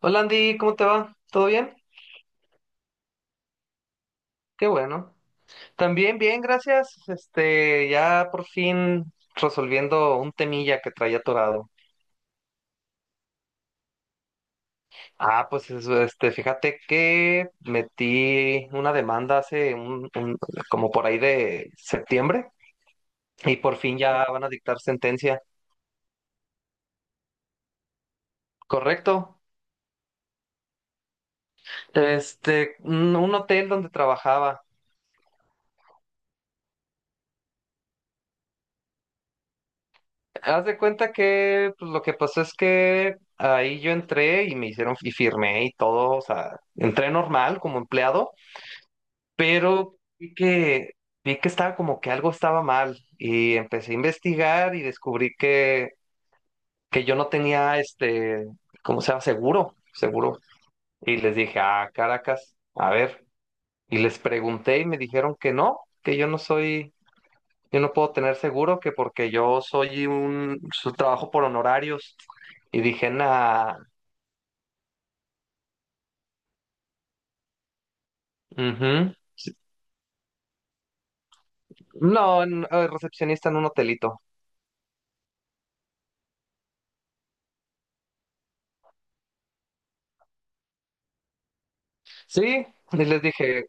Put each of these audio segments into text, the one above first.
Hola Andy, ¿cómo te va? ¿Todo bien? Qué bueno. También bien, gracias. Ya por fin resolviendo un temilla que traía atorado. Ah, pues eso, fíjate que metí una demanda hace como por ahí de septiembre y por fin ya van a dictar sentencia. Correcto. Un hotel donde trabajaba. Haz de cuenta que pues, lo que pasó es que ahí yo entré y me hicieron y firmé y todo, o sea, entré normal como empleado, pero vi que estaba como que algo estaba mal y empecé a investigar y descubrí que yo no tenía ¿cómo se llama? Seguro, seguro. Y les dije, "Ah, Caracas, a ver." Y les pregunté y me dijeron que no, que yo no puedo tener seguro que porque yo soy un su trabajo por honorarios y dije, nah, ujú, sí, no, recepcionista en un hotelito. Sí, y les dije,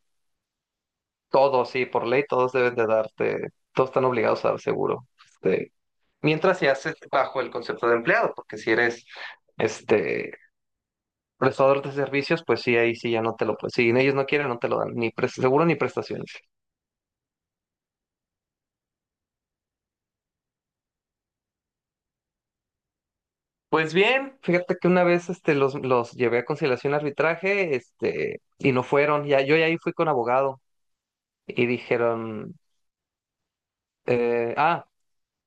todos, sí, por ley todos deben de darte, todos están obligados a dar seguro. Este, mientras se hace bajo el concepto de empleado, porque si eres este prestador de servicios, pues sí, ahí sí ya no te lo, pues si ellos no quieren, no te lo dan, ni seguro ni prestaciones. Pues bien, fíjate que una vez los llevé a conciliación y arbitraje, y no fueron. Ya, yo ya ahí fui con abogado y dijeron, eh, ah,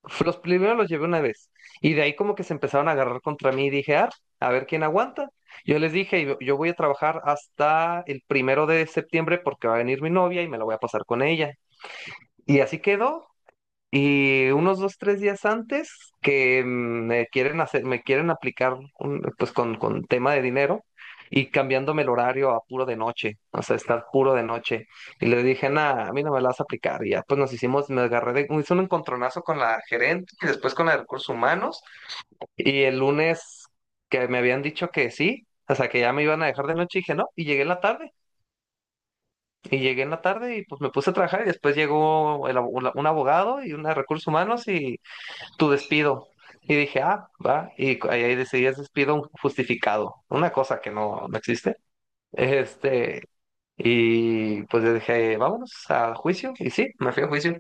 los primero los llevé una vez. Y de ahí como que se empezaron a agarrar contra mí y dije, ah, a ver quién aguanta. Yo les dije, yo voy a trabajar hasta el primero de septiembre porque va a venir mi novia y me la voy a pasar con ella. Y así quedó. Y unos dos, tres días antes que me quieren aplicar pues con tema de dinero y cambiándome el horario a puro de noche, o sea, estar puro de noche. Y le dije, nada, a mí no me la vas a aplicar. Y ya pues nos hicimos, me agarré de, hice un encontronazo con la gerente y después con la de recursos humanos. Y el lunes que me habían dicho que sí, o sea, que ya me iban a dejar de noche, dije no, y llegué en la tarde. Y llegué en la tarde y pues me puse a trabajar y después llegó un abogado y una de recursos humanos y tu despido. Y dije, ah, va. Y ahí decidí, es despido justificado, una cosa que no, no existe. Este, y pues yo dije, vámonos a juicio. Y sí, me fui a juicio.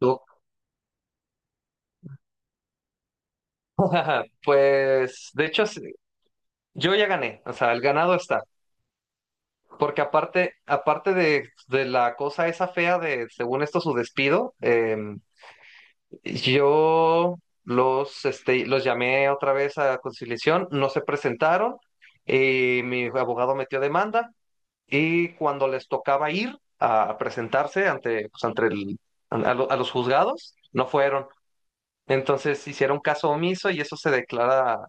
Tú. Pues, de hecho, sí, yo ya gané, o sea, el ganado está. Porque aparte de la cosa esa fea de, según esto, su despido, yo los llamé otra vez a conciliación, no se presentaron, mi abogado metió demanda y cuando les tocaba ir a presentarse ante, pues, ante el- a, lo- a los juzgados, no fueron. Entonces hicieron caso omiso y eso se declara,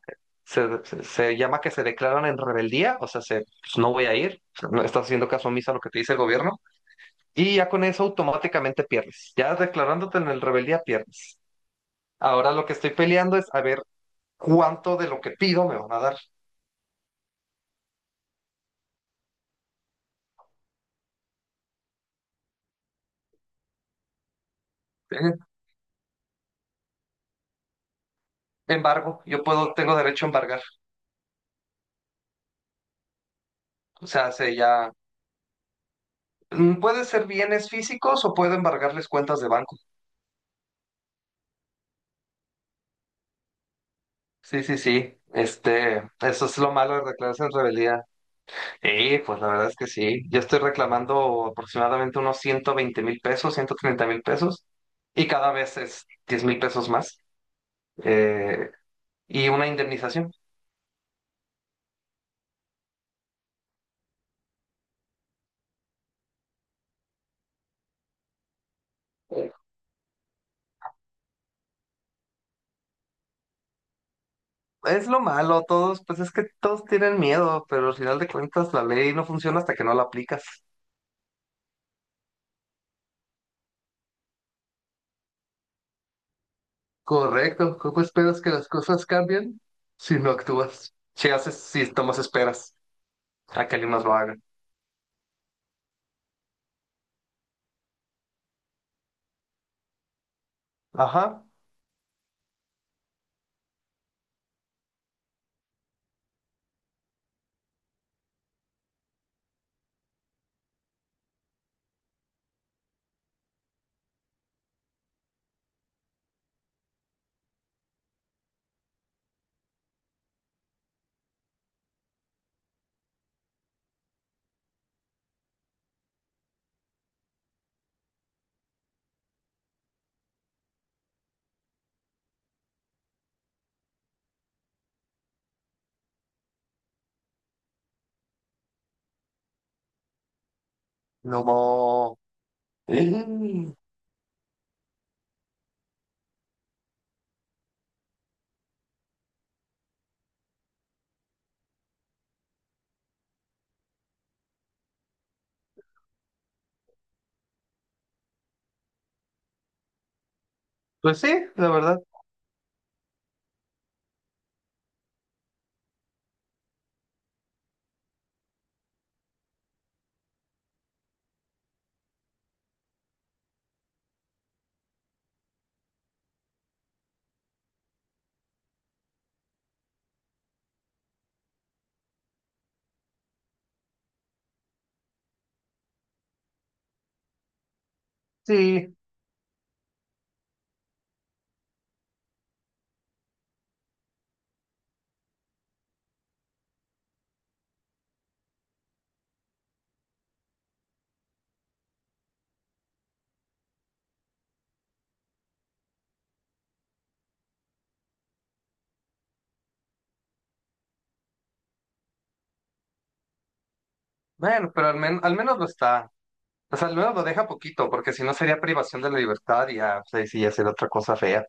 se llama que se declaran en rebeldía, o sea, pues, no voy a ir, o sea, no estás haciendo caso omiso a lo que te dice el gobierno y ya con eso automáticamente pierdes, ya declarándote en el rebeldía pierdes. Ahora lo que estoy peleando es a ver cuánto de lo que pido me van a dar. Eh, Embargo, yo puedo, tengo derecho a embargar. O sea, se ya puede ser bienes físicos o puedo embargarles cuentas de banco. Sí, sí, sí. Eso es lo malo de declararse en rebeldía. Y pues la verdad es que sí. Yo estoy reclamando aproximadamente unos 120,000 pesos, 130,000 pesos, y cada vez es 10,000 pesos más. eh, y una indemnización. Es lo malo, todos, pues es que todos tienen miedo, pero al final de cuentas la ley no funciona hasta que no la aplicas. Correcto, ¿cómo esperas que las cosas cambien si no actúas? Si haces, si tomas esperas a que alguien más lo haga. Ajá, no. Mm. Pues sí, la verdad, sí. Bueno, pero al menos lo está. O sea, al menos lo deja poquito, porque si no sería privación de la libertad y ya, pues ahí sí ya sería otra cosa fea.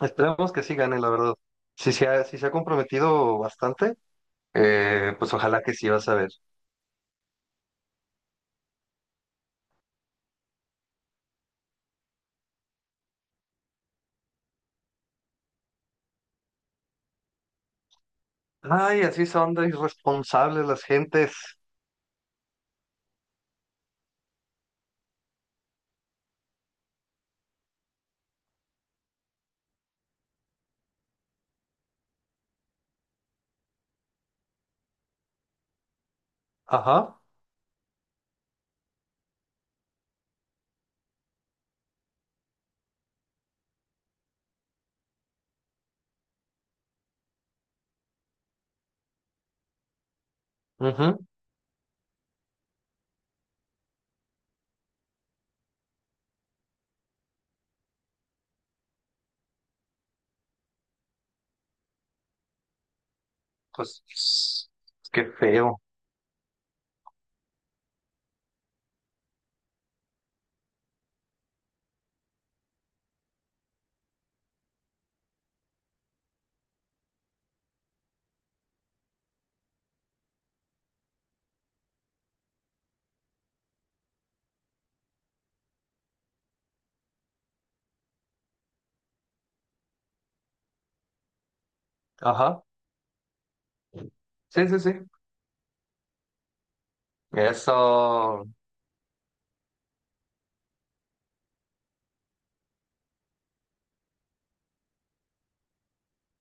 Esperemos que sí gane, la verdad. Si se ha, sí se ha comprometido bastante. Pues ojalá que sí vas a ver. Ay, así son de irresponsables las gentes. Ajá. Ujú, pues qué feo. Ajá. Sí, sí, sí. Eso.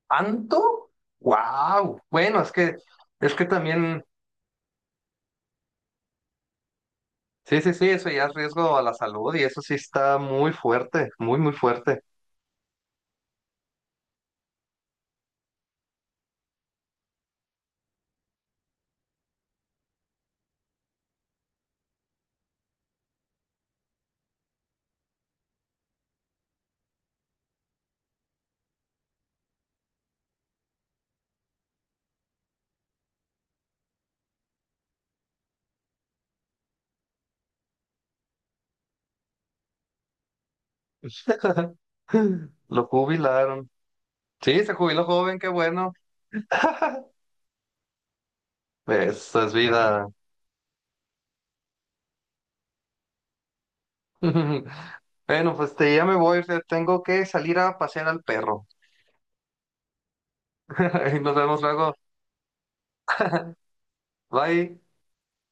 ¿Tanto? Wow. Bueno, es que también. Sí, sí, sí, eso ya es riesgo a la salud y eso sí está muy fuerte, muy, muy fuerte. Lo jubilaron. Sí, se jubiló joven, qué bueno. Eso es vida. Bueno, pues ya me voy, o sea, tengo que salir a pasear al perro. Nos vemos luego. Bye.